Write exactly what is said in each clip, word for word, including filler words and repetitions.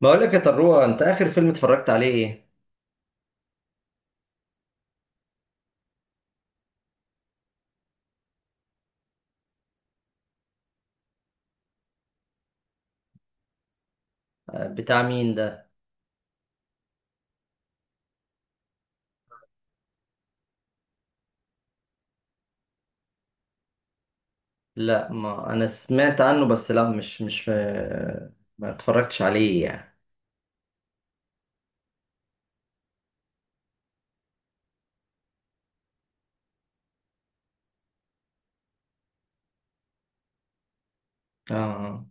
بقول لك يا طروه، انت اخر فيلم اتفرجت عليه ايه؟ آه، بتاع مين ده؟ لا، ما انا سمعت عنه، بس لا مش مش آه، ما اتفرجتش عليه يعني. اه آه،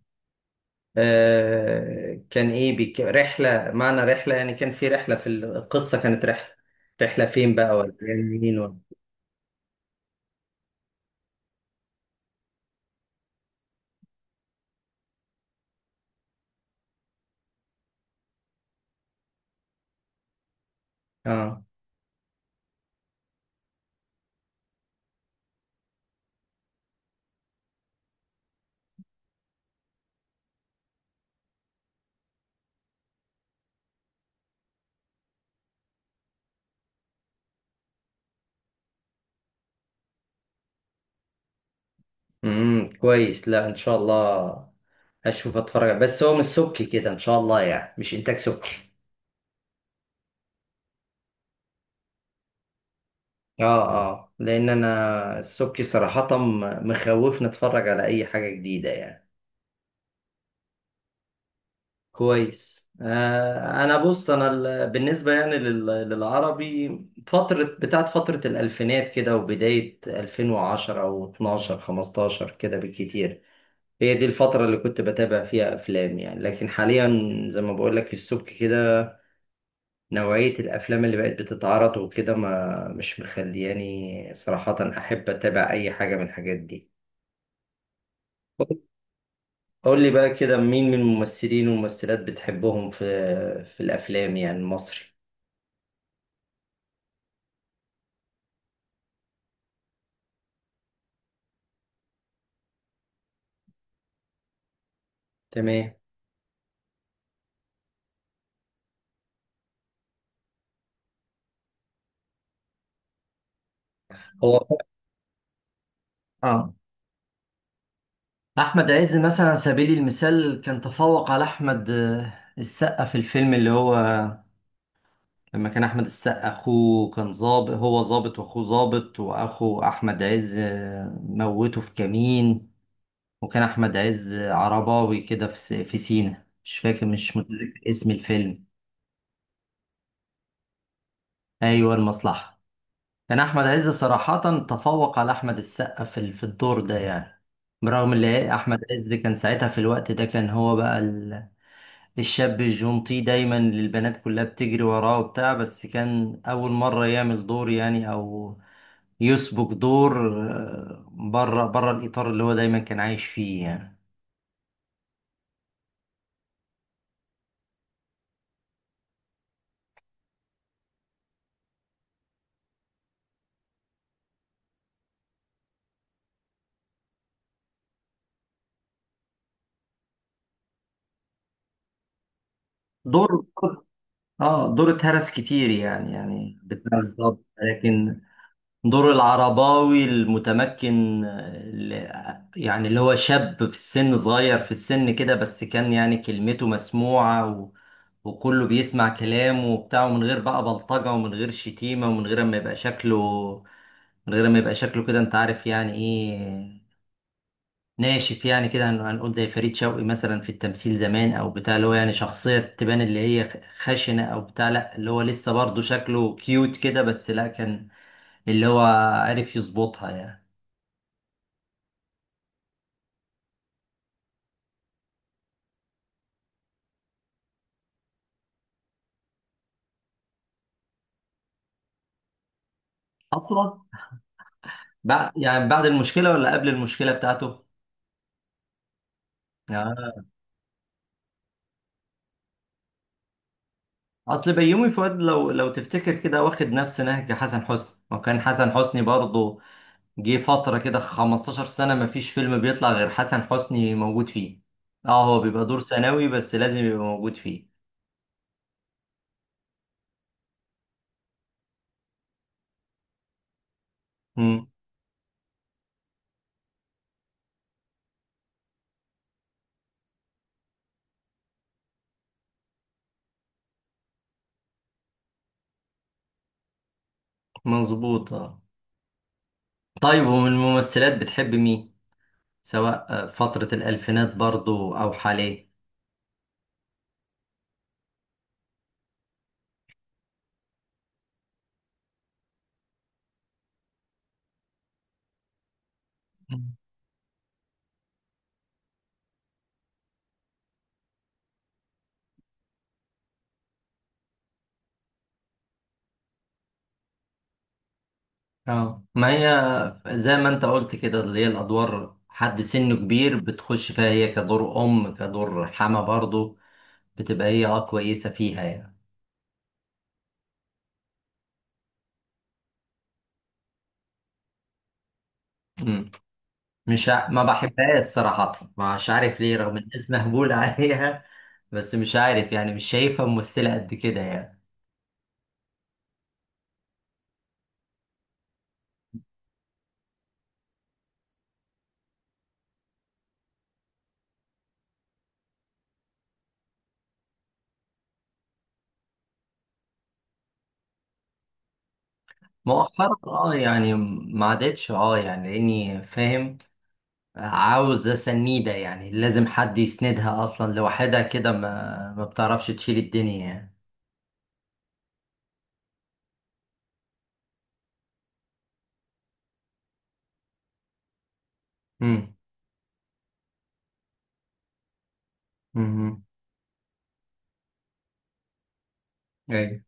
آه، كان ايه بيك... رحله، معنى رحله يعني كان في رحله، في القصه كانت رحله؟ رحله فين بقى، ولا يعني مين ولا؟ اه امم كويس، لا ان شاء الله هشوف اتفرج. بس هو مش سبكي كده ان شاء الله، يعني مش انتاج سبكي؟ اه اه، لان انا السبكي صراحة م- مخوفني اتفرج على اي حاجة جديدة يعني. كويس آه. انا بص، انا ال- بالنسبة يعني لل- للعربي، فترة بتاعت فترة الالفينات كده وبداية ألفين وعشرة او اثناشر خمستاشر كده بالكتير، هي دي الفترة اللي كنت بتابع فيها افلام يعني. لكن حاليا زي ما بقول لك السبكي كده، نوعية الافلام اللي بقت بتتعرض وكده، ما مش مخلياني صراحة احب اتابع اي حاجة من الحاجات دي. قول لي بقى كده، مين من الممثلين والممثلات بتحبهم في في الافلام يعني المصري؟ تمام. هو اه، احمد عز مثلا على سبيل المثال كان تفوق على احمد آه، السقا في الفيلم اللي هو لما كان احمد السقا اخوه، كان ظابط، هو ظابط واخوه ظابط، واخو احمد عز آه، موته في كمين، وكان احمد عز عرباوي كده في س- في سينا. مش فاكر، مش متذكر اسم الفيلم. ايوه، المصلحة. يعني احمد عز صراحة تفوق على احمد السقا في ال- في الدور ده يعني، برغم ان إيه، احمد عز كان ساعتها في الوقت ده، كان هو بقى ال- الشاب الجونتي دايما اللي البنات كلها بتجري وراه وبتاع، بس كان اول مرة يعمل دور يعني، او يسبق دور آه، بره بره الاطار اللي هو دايما كان عايش فيه يعني. دور اه دور اتهرس كتير يعني، يعني بالظبط، لكن دور العرباوي المتمكن اللي يعني اللي هو شاب في السن، صغير في السن كده، بس كان يعني كلمته مسموعة، و... وكله بيسمع كلامه وبتاع، ومن غير بقى بلطجة ومن غير شتيمة، ومن غير ما يبقى شكله من غير ما يبقى شكله كده انت عارف يعني ايه، ناشف يعني كده، هن- هنقول زي فريد شوقي مثلا في التمثيل زمان او بتاع، اللي هو يعني شخصية تبان اللي هي خشنة او بتاع. لا، اللي هو لسه برضه شكله كيوت كده، بس لا، كان اللي هو عرف يظبطها يعني. اصلا بعد يعني بعد المشكله ولا قبل المشكله بتاعته؟ آه. اصل بيومي فؤاد، لو لو تفتكر كده، واخد نفس نهج حسن حسني، وكان حسن حسني برضه جه فتره كده خمستاشر سنة سنه ما فيش فيلم بيطلع غير حسن حسني موجود فيه. اه، هو بيبقى دور ثانوي بس لازم يبقى موجود فيه. مم. مظبوط اه. طيب، ومن الممثلات بتحب مين، سواء آه، فتره الالفينات برضه او حاليا؟ اه، ما هي زي ما انت قلت كده، اللي هي الادوار حد سنه كبير بتخش فيها، هي كدور ام كدور حما، برضو بتبقى هي اه كويسه فيها يعني. مم. مش ع... ما بحبهاش صراحه، مش عارف ليه، رغم الناس مهبول عليها. بس مش عارف يعني، مش شايفها ممثله قد كده يعني. مؤخرا اه يعني، ما عادتش اه يعني، لاني فاهم عاوز سنيده يعني، لازم حد يسندها، اصلا لوحدها كده ما ما بتعرفش تشيل الدنيا يعني. مم. امم. ايوه.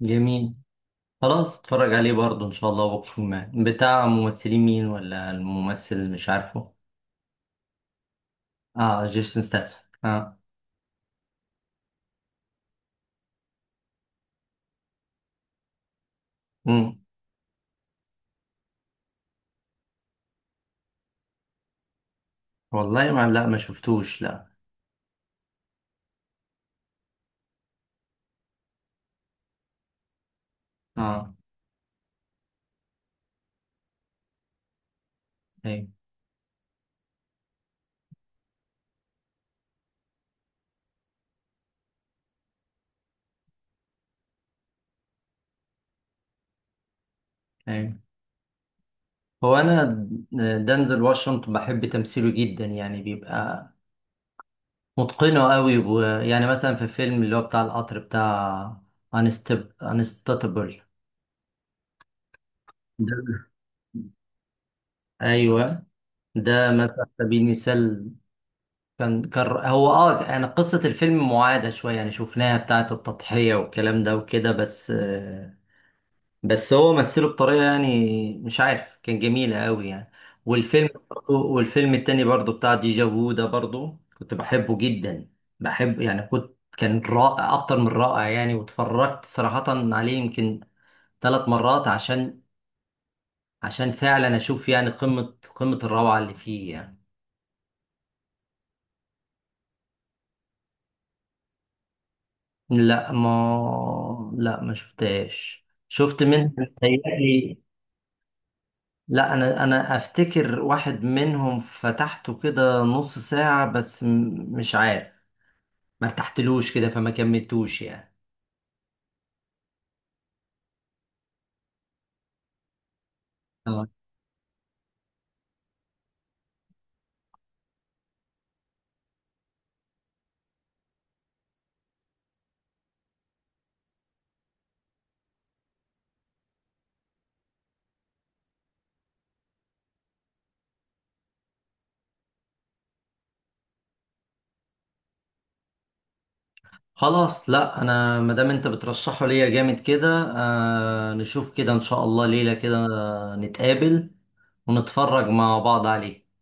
جميل، خلاص اتفرج عليه برضه ان شاء الله بكره. ما بتاع ممثلين مين ولا الممثل اللي مش عارفه؟ اه، جيسون ستاثام، اه. امم. والله ما لا، ما شفتوش لا. اه. ايوه ايوه. هو انا دنزل واشنطن بحب تمثيله جدا، يعني بيبقى متقنه قوي. ويعني مثلا في فيلم اللي هو بتاع القطر بتاع، انستب انستاتبل ده. ايوه، ده مثلا على سبيل المثال. كان كان هو اه، انا قصة الفيلم معادة شوية يعني، شفناها بتاعة التضحية والكلام ده وكده، بس آه، بس هو مثله بطريقة يعني مش عارف، كان جميلة قوي يعني. والفيلم والفيلم التاني برضو بتاع ديجا فو ده، برضو كنت بحبه جدا، بحب يعني. كنت كان رائع اكتر من رائع يعني. واتفرجت صراحة عليه يمكن ثلاث مرات، عشان عشان فعلا اشوف يعني قمة قمة الروعة اللي فيه يعني. لا ما لا، ما شفتهاش، شفت منها متهيألي. لا، انا انا افتكر واحد منهم فتحته كده نص ساعة بس، م- مش عارف، ما ارتحتلوش كده فما كملتوش يعني. آه. خلاص، لا انا ما دام انت بترشحه ليا جامد كده، آه نشوف كده ان شاء الله ليلة كده آه، نتقابل ونتفرج مع بعض عليه.